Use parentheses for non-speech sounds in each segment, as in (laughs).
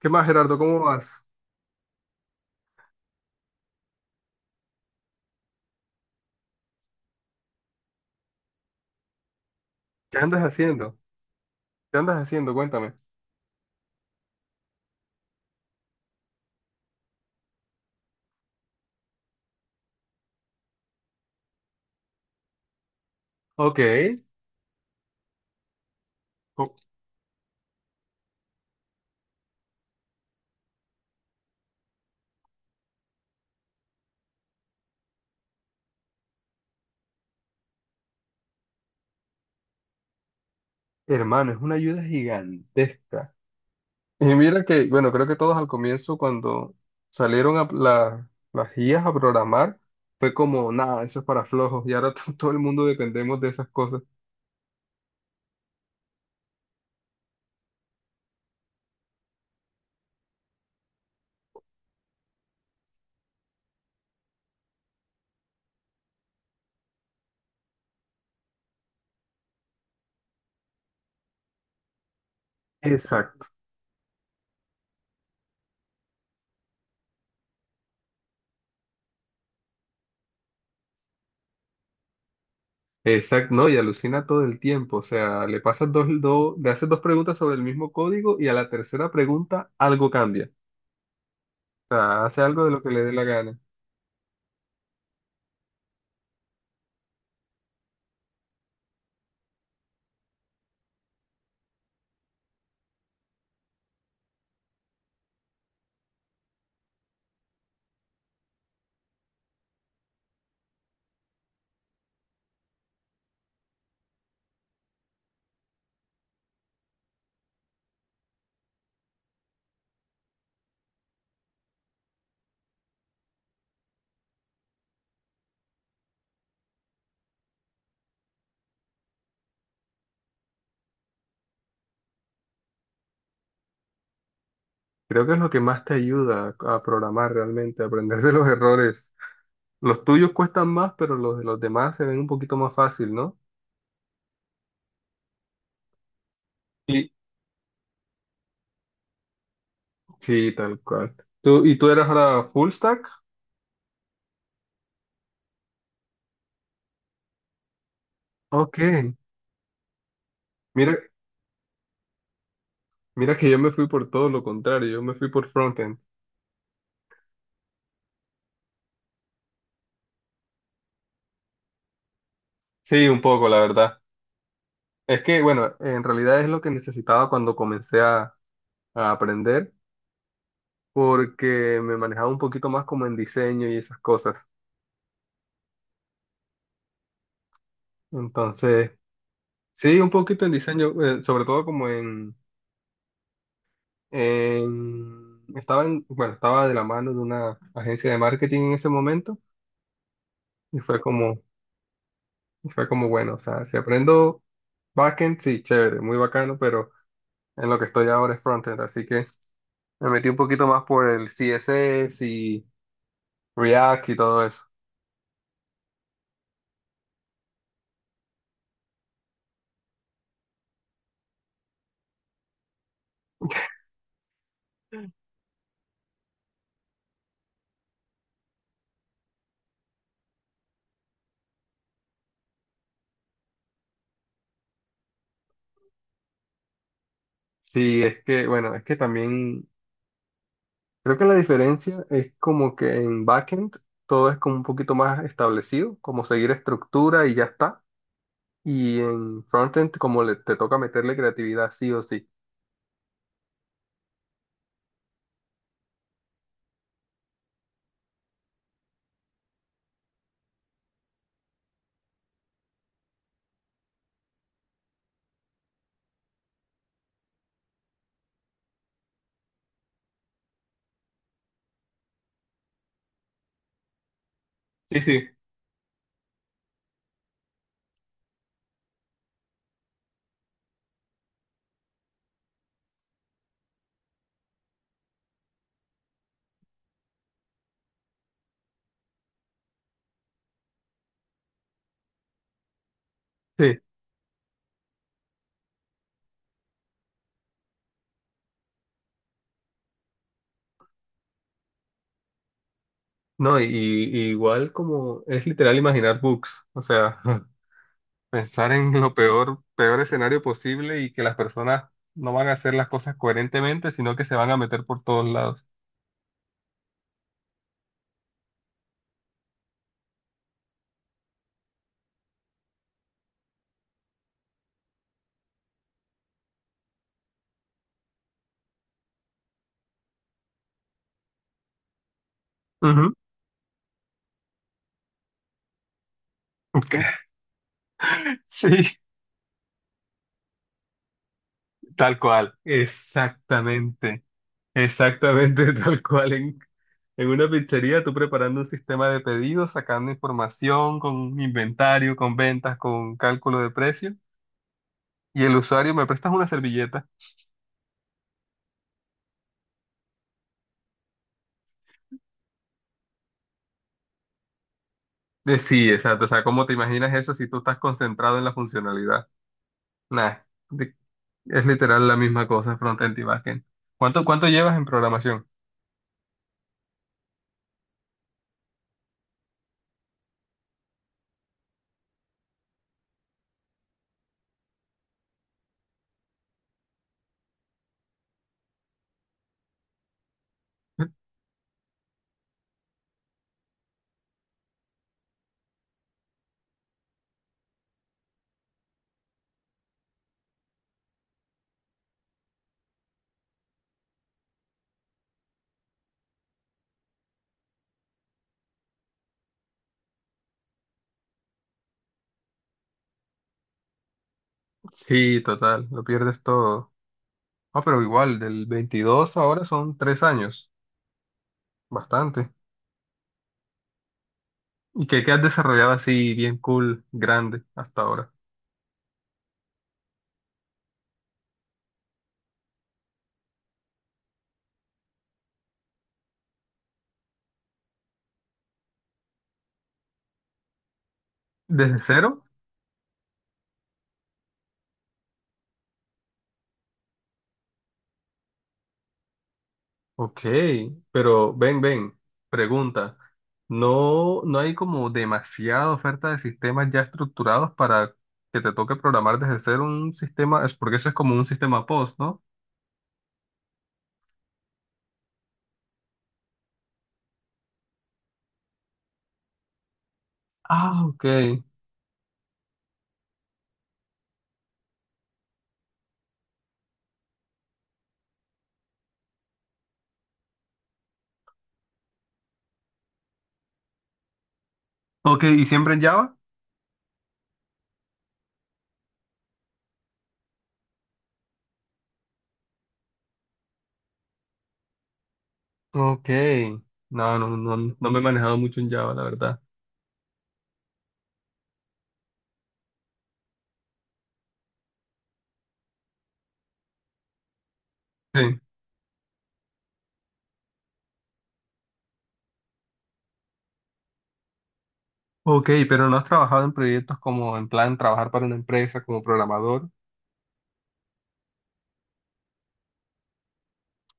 ¿Qué más, Gerardo? ¿Cómo vas? ¿Qué andas haciendo? ¿Qué andas haciendo? Cuéntame. Ok. Oh, hermano, es una ayuda gigantesca. Y mira que, bueno, creo que todos al comienzo, cuando las guías a programar, fue como, nada, eso es para flojos. Y ahora (laughs) todo el mundo dependemos de esas cosas. Exacto. Exacto, no, y alucina todo el tiempo. O sea, le pasas dos, le haces dos preguntas sobre el mismo código y a la tercera pregunta algo cambia. O sea, hace algo de lo que le dé la gana. Creo que es lo que más te ayuda a programar realmente, a aprenderse los errores. Los tuyos cuestan más, pero los de los demás se ven un poquito más fácil, ¿no? Y sí, tal cual. ¿Tú, y tú eras ahora full stack? Ok. Mira, mira que yo me fui por todo lo contrario, yo me fui por frontend. Sí, un poco, la verdad. Es que, bueno, en realidad es lo que necesitaba cuando a aprender, porque me manejaba un poquito más como en diseño y esas cosas. Entonces, sí, un poquito en diseño, sobre todo como en- estaba en- bueno, estaba de la mano de una agencia de marketing en ese momento y y fue como bueno, o sea, si aprendo backend, sí, chévere, muy bacano, pero en lo que estoy ahora es frontend, así que me metí un poquito más por el CSS y React y todo eso. Sí, es que, bueno, es que también creo que la diferencia es como que en backend todo es como un poquito más establecido, como seguir estructura y ya está. Y en frontend, te toca meterle creatividad, sí o sí. Sí, sí. Sí, no, y igual como es literal imaginar bugs, o sea, (laughs) pensar en lo peor escenario posible y que las personas no van a hacer las cosas coherentemente, sino que se van a meter por todos lados. Ujú. (laughs) Sí, tal cual, exactamente, exactamente (laughs) tal cual, en una pizzería, tú preparando un sistema de pedidos, sacando información con un inventario, con ventas, con cálculo de precio, y el usuario, ¿me prestas una servilleta? De sí, exacto. O sea, ¿cómo te imaginas eso si tú estás concentrado en la funcionalidad? Nah, de- es literal la misma cosa, frontend y backend. ¿Cuánto llevas en programación? (laughs) Sí, total, lo pierdes todo. Ah, pero igual, del 22 ahora son 3 años, bastante. ¿Y qué has desarrollado así bien cool, grande, hasta ahora? ¿Desde cero? Ok, pero ven, pregunta. ¿No hay como demasiada oferta de sistemas ya estructurados para que te toque programar desde cero un sistema? Es porque eso es como un sistema post, ¿no? Ah, ok. Ok, ¿y siempre en Java? Ok. No me he manejado mucho en Java, la verdad. Sí. Ok, pero no has trabajado en proyectos como en plan trabajar para una empresa como programador.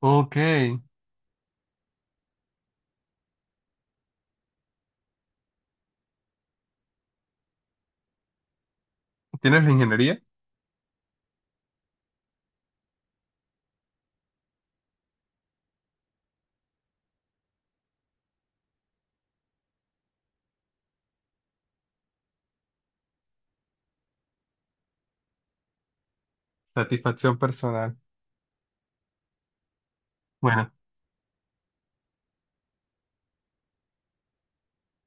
Ok. ¿Tienes la ingeniería? Satisfacción personal. Bueno.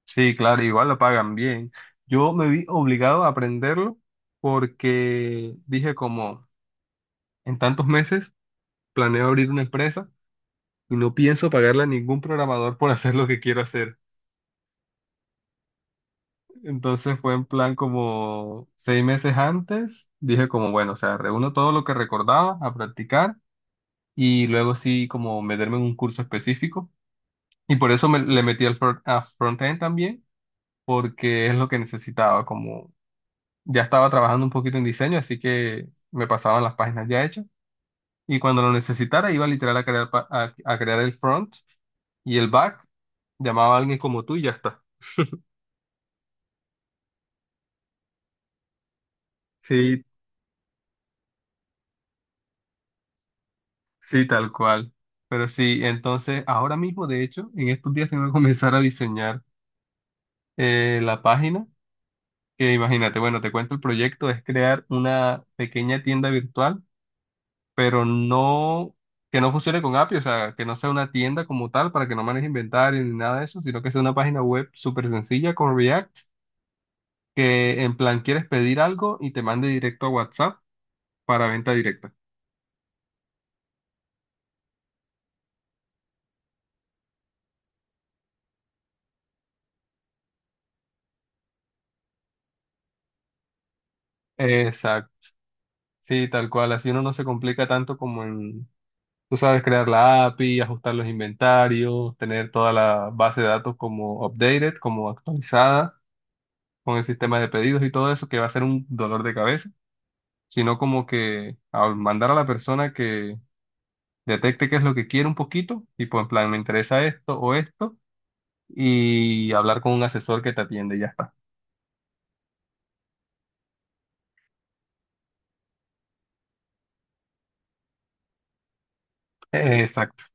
Sí, claro, igual lo pagan bien. Yo me vi obligado a aprenderlo porque dije como en tantos meses planeo abrir una empresa y no pienso pagarle a ningún programador por hacer lo que quiero hacer. Entonces fue en plan como 6 meses antes, dije como bueno, o sea, reúno todo lo que recordaba a practicar y luego sí como meterme en un curso específico. Y por eso le metí a frontend también, porque es lo que necesitaba. Ya estaba trabajando un poquito en diseño, así que me pasaban las páginas ya hechas. Y cuando lo necesitara, iba literal a a crear el front y el back. Llamaba a alguien como tú y ya está. Sí, sí, tal cual. Pero sí, entonces ahora mismo, de hecho, en estos días tengo que (laughs) comenzar a diseñar la página. Que imagínate, bueno, te cuento el proyecto, es crear una pequeña tienda virtual pero no, que no funcione con API, o sea, que no sea una tienda como tal para que no maneje inventario ni nada de eso, sino que sea una página web súper sencilla con React, que en plan quieres pedir algo y te mande directo a WhatsApp para venta directa. Exacto, sí, tal cual, así uno no se complica tanto como en, tú sabes, crear la API, ajustar los inventarios, tener toda la base de datos como updated, como actualizada, con el sistema de pedidos y todo eso, que va a ser un dolor de cabeza, sino como que al mandar a la persona que detecte qué es lo que quiere un poquito, y pues en plan, me interesa esto o esto, y hablar con un asesor que te atiende y ya está. Exacto.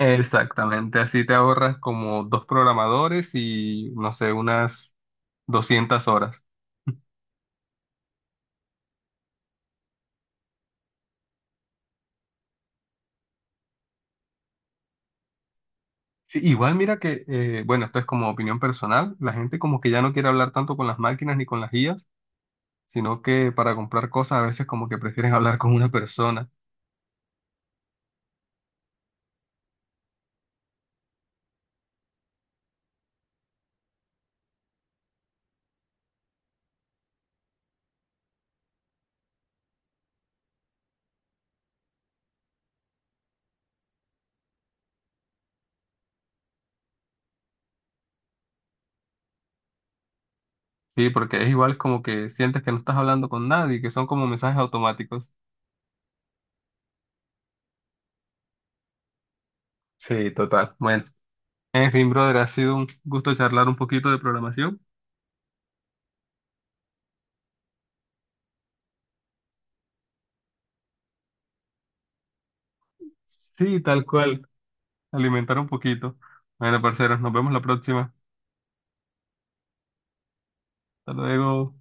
Exactamente, así te ahorras como dos programadores y no sé, unas 200 horas. Sí, igual mira que, bueno, esto es como opinión personal, la gente como que ya no quiere hablar tanto con las máquinas ni con las guías, sino que para comprar cosas a veces como que prefieren (laughs) hablar con una persona. Sí, porque es igual como que sientes que no estás hablando con nadie, que son como mensajes automáticos. Sí, total. Bueno, en fin, brother, ha sido un gusto charlar un poquito de programación. Sí, tal cual, alimentar un poquito. Bueno, parceros, nos vemos la próxima. Hasta luego.